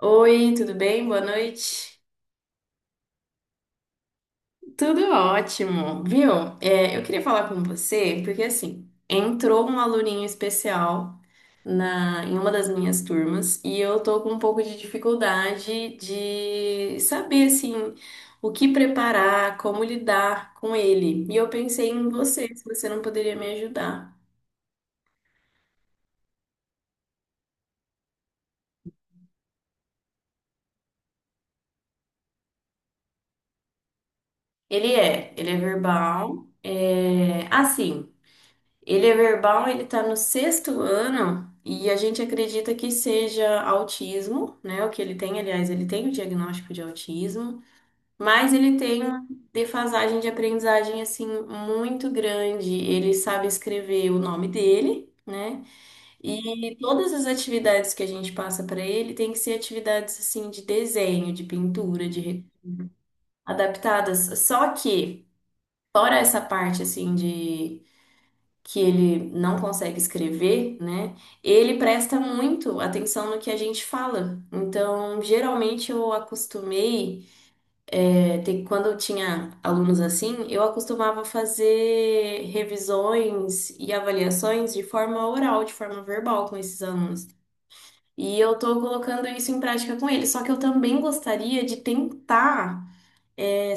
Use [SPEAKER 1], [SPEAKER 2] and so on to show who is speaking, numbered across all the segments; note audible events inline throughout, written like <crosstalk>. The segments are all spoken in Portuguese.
[SPEAKER 1] Oi, tudo bem? Boa noite. Tudo ótimo, viu? Eu queria falar com você porque assim entrou um aluninho especial na em uma das minhas turmas e eu tô com um pouco de dificuldade de saber assim o que preparar, como lidar com ele. E eu pensei em você, se você não poderia me ajudar. Ele é verbal, é assim. Ele é verbal, ele está no sexto ano e a gente acredita que seja autismo, né? O que ele tem, aliás, ele tem o diagnóstico de autismo, mas ele tem uma defasagem de aprendizagem assim muito grande. Ele sabe escrever o nome dele, né? E todas as atividades que a gente passa para ele tem que ser atividades assim de desenho, de pintura, de adaptadas. Só que fora essa parte assim de que ele não consegue escrever, né? Ele presta muito atenção no que a gente fala. Então, geralmente eu acostumei, quando eu tinha alunos assim, eu acostumava fazer revisões e avaliações de forma oral, de forma verbal com esses alunos. E eu tô colocando isso em prática com eles, só que eu também gostaria de tentar é,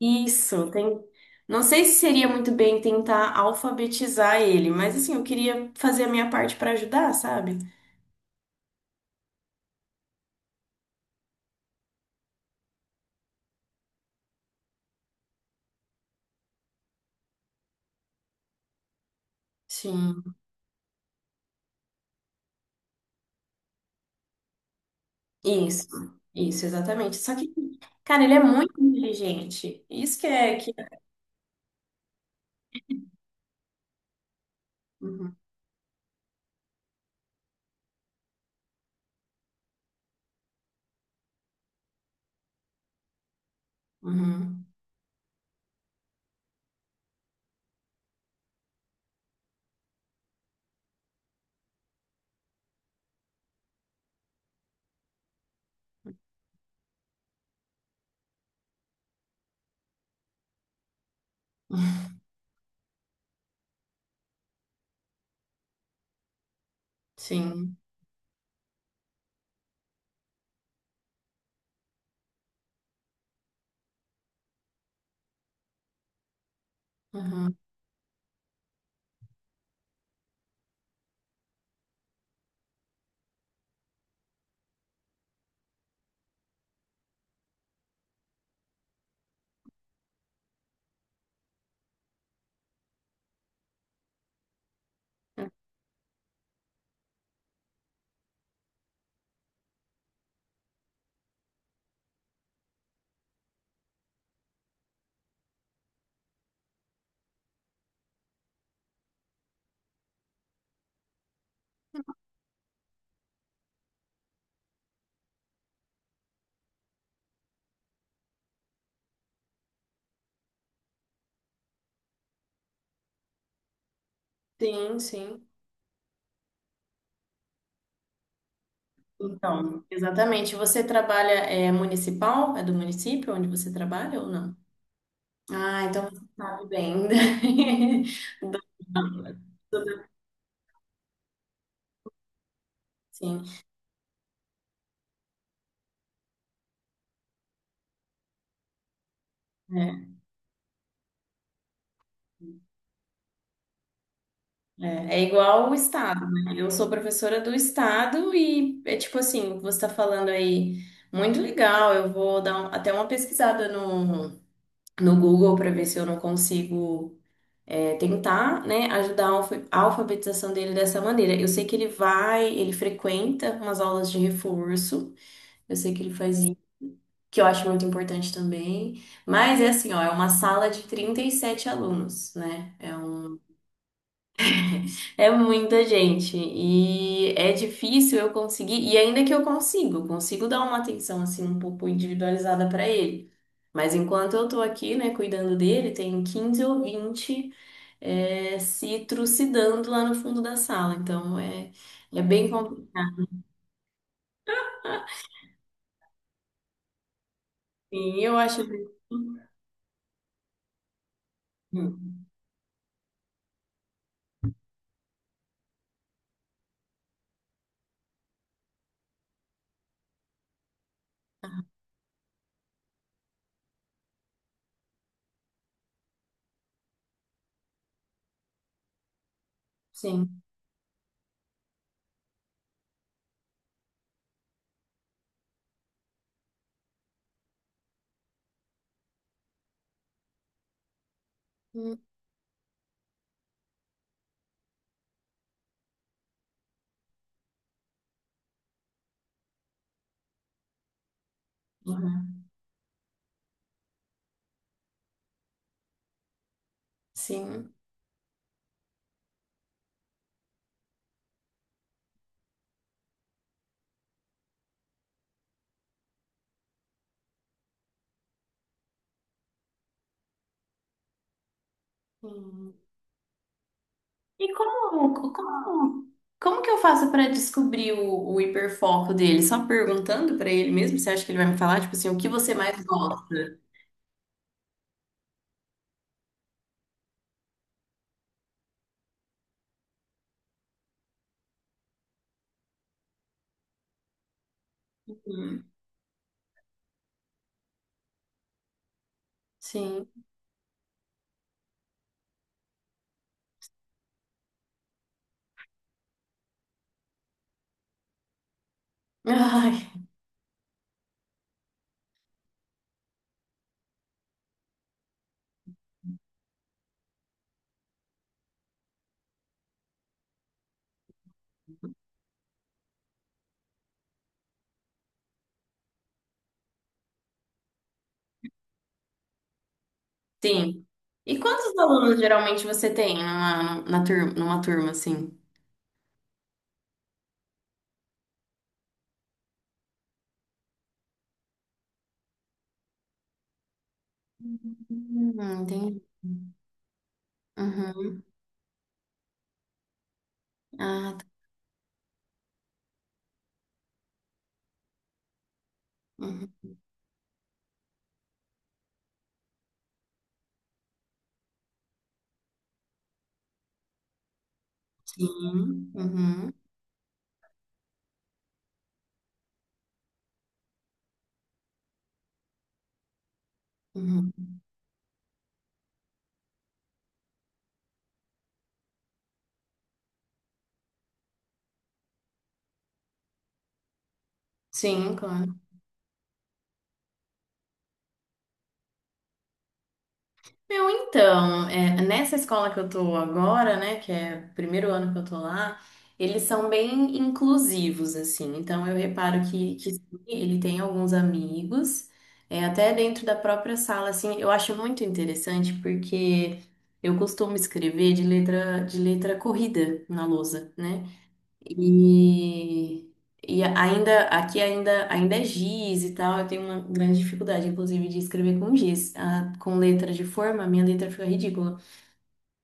[SPEAKER 1] Isso, tem. Não sei se seria muito bem tentar alfabetizar ele, mas assim, eu queria fazer a minha parte para ajudar, sabe? Sim, isso, isso, exatamente. Só que, cara, ele é muito inteligente. Isso que é que. Uhum, uhum, <laughs> sim, uhum. Sim, sim. Então, exatamente. Você trabalha é municipal? É do município onde você trabalha ou não? Ah, então você sabe bem. <laughs> Do- Sim. É. É, é igual o Estado, né? Eu sou professora do Estado e é tipo assim, você está falando aí, muito legal, eu vou dar até uma pesquisada no Google para ver se eu não consigo tentar, né, ajudar a alfabetização dele dessa maneira. Eu sei que ele vai, ele frequenta umas aulas de reforço, eu sei que ele faz isso, que eu acho muito importante também, mas é assim, ó, é uma sala de 37 alunos, né? É um é muita gente e é difícil eu conseguir, e ainda que eu consigo dar uma atenção assim um pouco individualizada para ele. Mas enquanto eu tô aqui, né, cuidando dele, tem 15 ou vinte se trucidando lá no fundo da sala. Então é, é bem complicado. Sim, eu acho. Sim. Sim. Uhum. Sim. E como que eu faço para descobrir o hiperfoco dele? Só perguntando para ele mesmo? Você acha que ele vai me falar, tipo assim, o que você mais gosta? Hum, Sim. Ai, sim. E quantos alunos geralmente você tem numa, na turma, numa turma assim? Entendi. Uhum. Ah, tá. Uhum. Sim. Uhum. Uhum. Sim, claro. Meu, então, é, nessa escola que eu tô agora, né, que é o primeiro ano que eu tô lá, eles são bem inclusivos, assim. Então, eu reparo que sim, ele tem alguns amigos, é, até dentro da própria sala, assim. Eu acho muito interessante porque eu costumo escrever de letra corrida na lousa, né? E, e ainda aqui ainda é giz e tal. Eu tenho uma grande dificuldade, inclusive, de escrever com giz, ah, com letra de forma. Minha letra fica ridícula.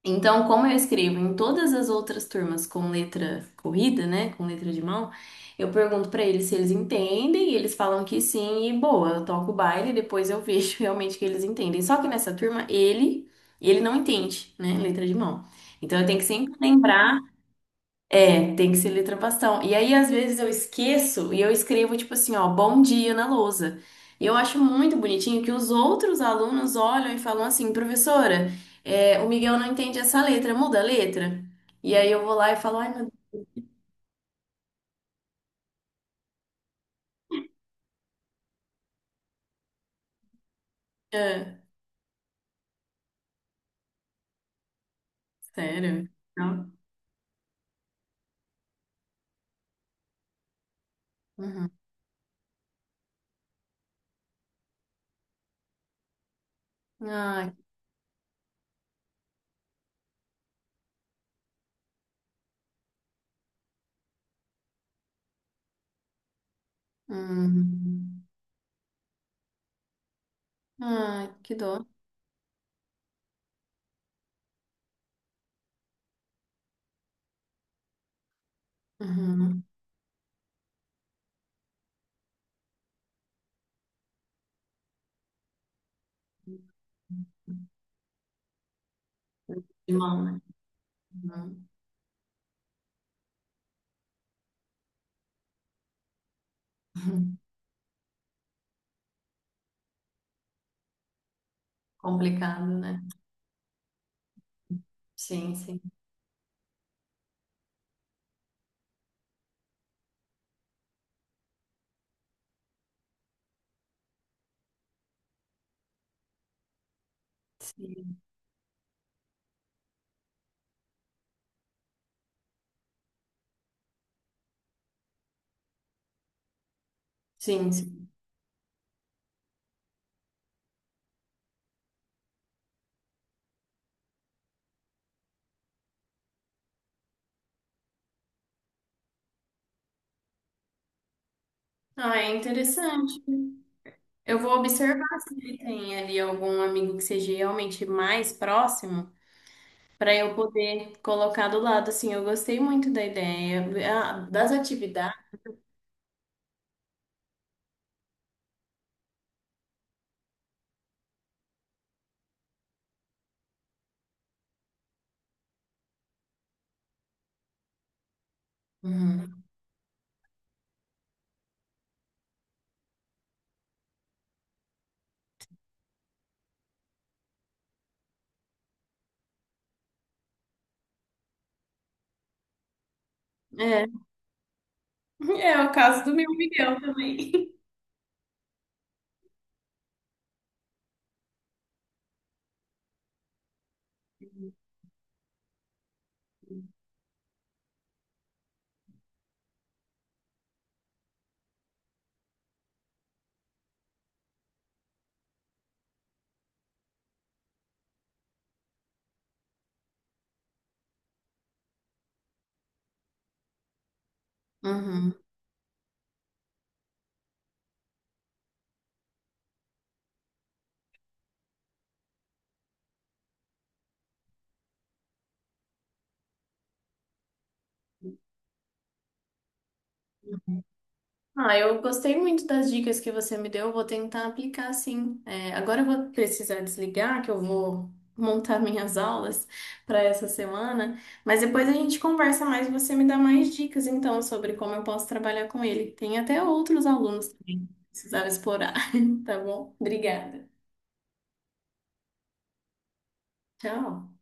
[SPEAKER 1] Então, como eu escrevo em todas as outras turmas com letra corrida, né, com letra de mão, eu pergunto pra eles se eles entendem e eles falam que sim e boa. Eu toco o baile, e depois eu vejo <laughs> realmente que eles entendem. Só que nessa turma ele não entende, né, letra de mão. Então eu tenho que sempre lembrar tem que ser letra bastão. E aí, às vezes, eu esqueço e eu escrevo, tipo assim, ó, bom dia na lousa. E eu acho muito bonitinho que os outros alunos olham e falam assim, professora, o Miguel não entende essa letra, muda a letra. E aí eu vou lá e falo, ai, meu Deus, é, sério? Não. Uhum. Ai, hum. Ai, que dor. Uhum. De mão, né? Uhum. <laughs> Complicado, né? Sim, sim, sim, sim, sim. Ah, é interessante. Eu vou observar se ele tem ali algum amigo que seja realmente mais próximo, para eu poder colocar do lado. Assim, eu gostei muito da ideia, ah, das atividades. Uhum. É, <laughs> é o caso do meu Miguel também. Uhum. Ah, eu gostei muito das dicas que você me deu, eu vou tentar aplicar sim. É, agora eu vou precisar desligar, que eu vou montar minhas aulas para essa semana, mas depois a gente conversa mais e você me dá mais dicas então sobre como eu posso trabalhar com ele. Tem até outros alunos também que precisaram explorar, <laughs> tá bom? Obrigada. Tchau.